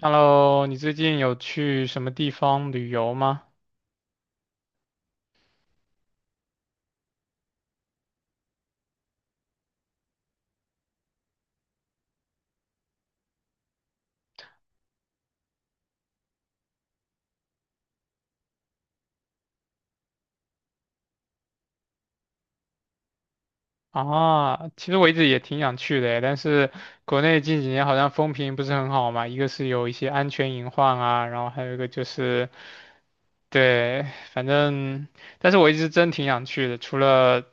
Hello，你最近有去什么地方旅游吗？啊，其实我一直也挺想去的诶但是国内近几年好像风评不是很好嘛，一个是有一些安全隐患啊，然后还有一个就是，对，反正，但是我一直真挺想去的，除了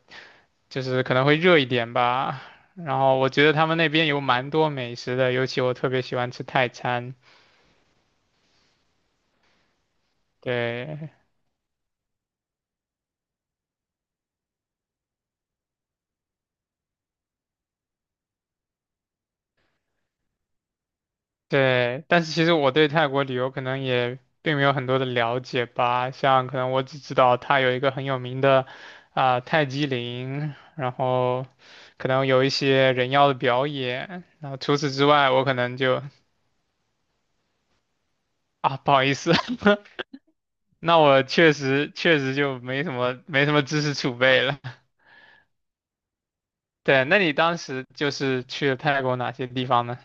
就是可能会热一点吧，然后我觉得他们那边有蛮多美食的，尤其我特别喜欢吃泰餐，对，对，但是其实我对泰国旅游可能也并没有很多的了解吧，像可能我只知道它有一个很有名的啊、泰姬陵，然后可能有一些人妖的表演，然后除此之外，我可能就啊不好意思，那我确实就没什么知识储备了。对，那你当时就是去了泰国哪些地方呢？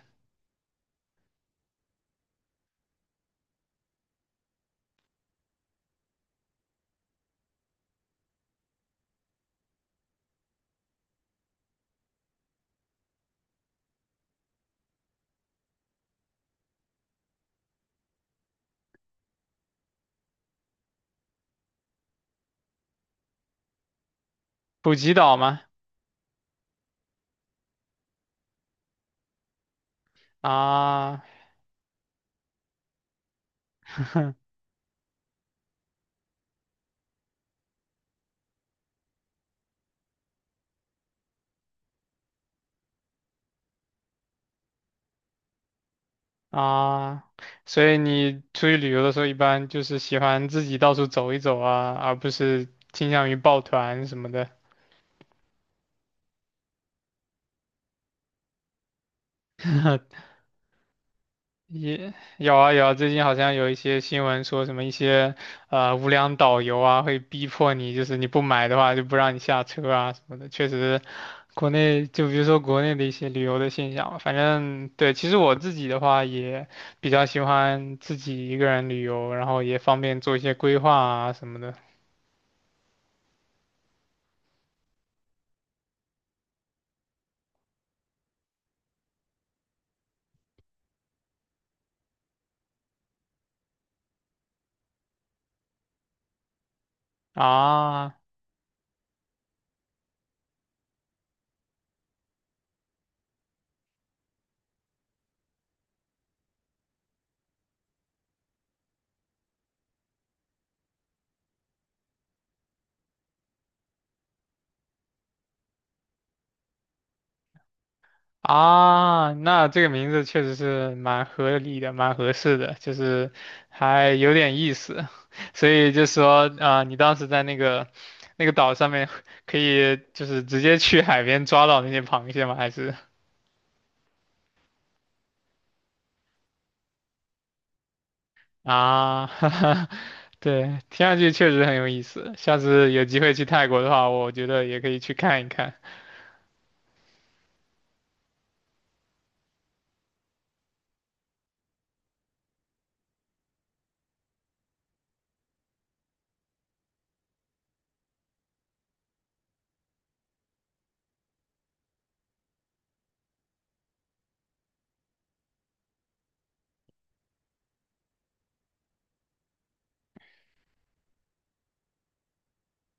普吉岛吗？啊，啊，所以你出去旅游的时候，一般就是喜欢自己到处走一走啊，而不是倾向于抱团什么的。也有啊有啊，最近好像有一些新闻说什么一些无良导游啊，会逼迫你，就是你不买的话就不让你下车啊什么的。确实，国内就比如说国内的一些旅游的现象吧，反正对，其实我自己的话也比较喜欢自己一个人旅游，然后也方便做一些规划啊什么的啊。啊，那这个名字确实是蛮合理的，蛮合适的，就是还有点意思。所以就说啊、你当时在那个岛上面，可以就是直接去海边抓到那些螃蟹吗？还是啊，对，听上去确实很有意思。下次有机会去泰国的话，我觉得也可以去看一看。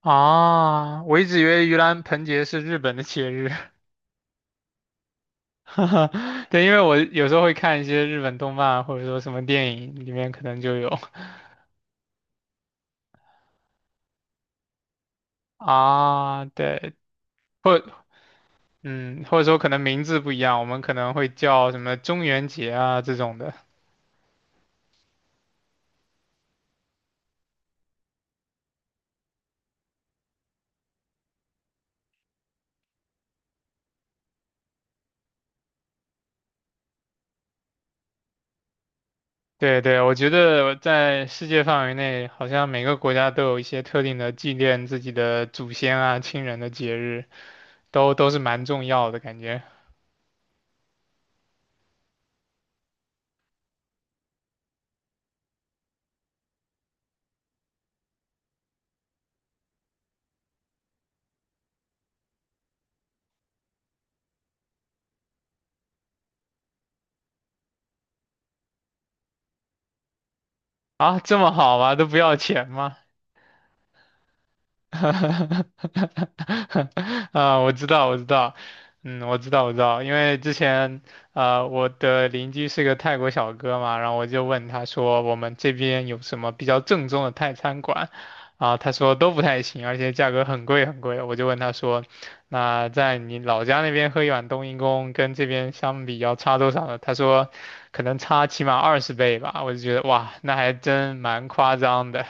啊，我一直以为盂兰盆节是日本的节日。哈哈，对，因为我有时候会看一些日本动漫，或者说什么电影里面可能就有 啊，对，或嗯，或者说可能名字不一样，我们可能会叫什么中元节啊这种的。对对，我觉得在世界范围内，好像每个国家都有一些特定的纪念自己的祖先啊、亲人的节日，都是蛮重要的感觉。啊，这么好吗？都不要钱吗？啊，我知道，我知道，嗯，我知道，我知道，因为之前，啊，我的邻居是个泰国小哥嘛，然后我就问他说，我们这边有什么比较正宗的泰餐馆？啊，他说都不太行，而且价格很贵很贵。我就问他说，那在你老家那边喝一碗冬阴功跟这边相比要差多少呢？他说，可能差起码20倍吧。我就觉得哇，那还真蛮夸张的。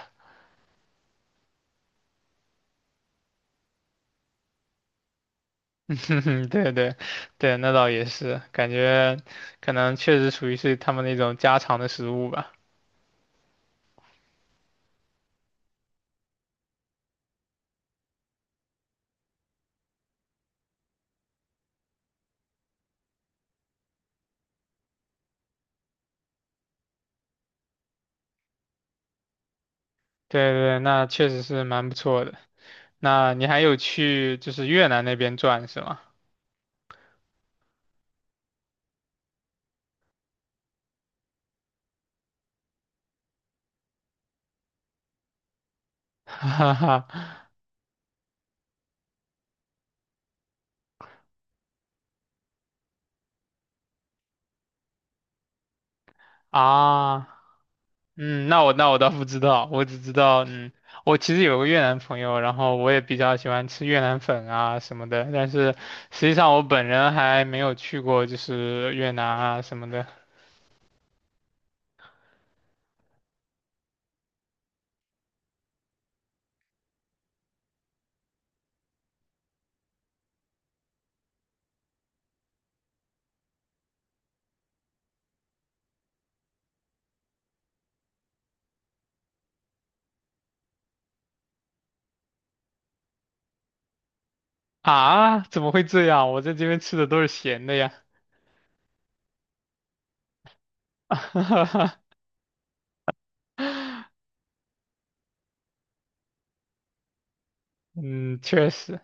对对对，那倒也是，感觉可能确实属于是他们那种家常的食物吧。对对，那确实是蛮不错的。那你还有去就是越南那边转是吗？哈哈啊，嗯，那我倒不知道，我只知道，嗯，我其实有个越南朋友，然后我也比较喜欢吃越南粉啊什么的，但是实际上我本人还没有去过，就是越南啊什么的。啊，怎么会这样？我在这边吃的都是咸的呀。嗯，确实，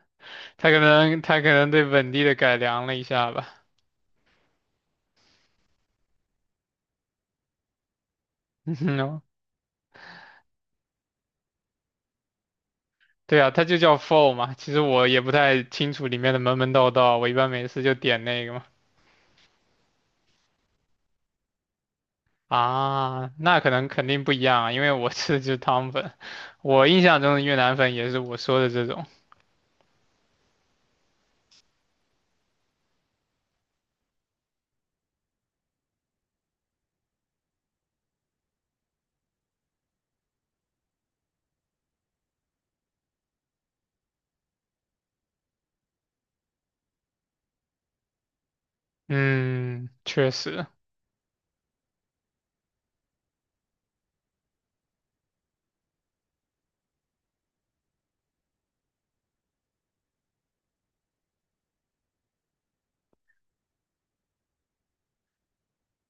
他可能对本地的改良了一下吧。嗯，对啊，他就叫 FHO 嘛。其实我也不太清楚里面的门门道道，我一般每次就点那个嘛。啊，那可能肯定不一样啊，因为我吃的就是汤粉。我印象中的越南粉也是我说的这种。嗯，确实。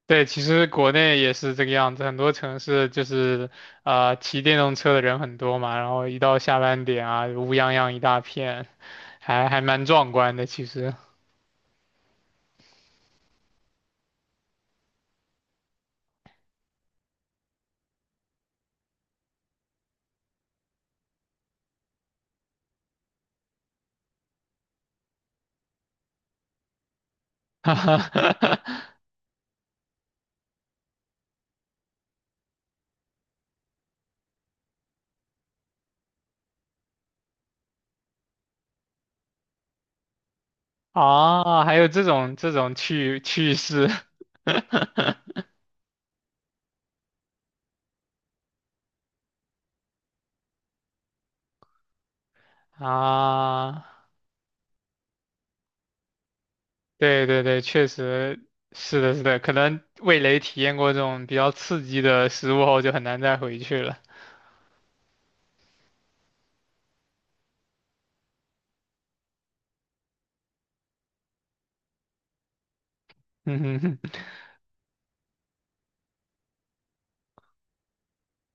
对，其实国内也是这个样子，很多城市就是啊、骑电动车的人很多嘛，然后一到下班点啊，乌泱泱一大片，还蛮壮观的，其实。啊，还有这种趣事 啊，对对对，确实是的，是的，可能味蕾体验过这种比较刺激的食物后，就很难再回去了。嗯哼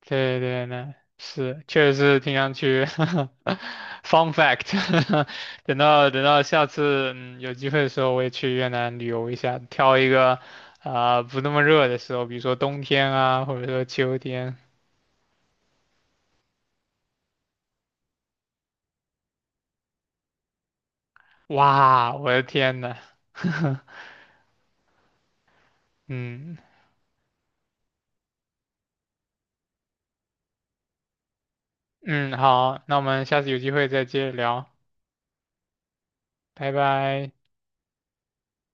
对对对，那是，确实是挺想去 ，fun fact 等到下次有机会的时候，我也去越南旅游一下，挑一个啊、不那么热的时候，比如说冬天啊，或者说秋天。哇，我的天呐，嗯嗯，好，那我们下次有机会再接着聊，拜拜。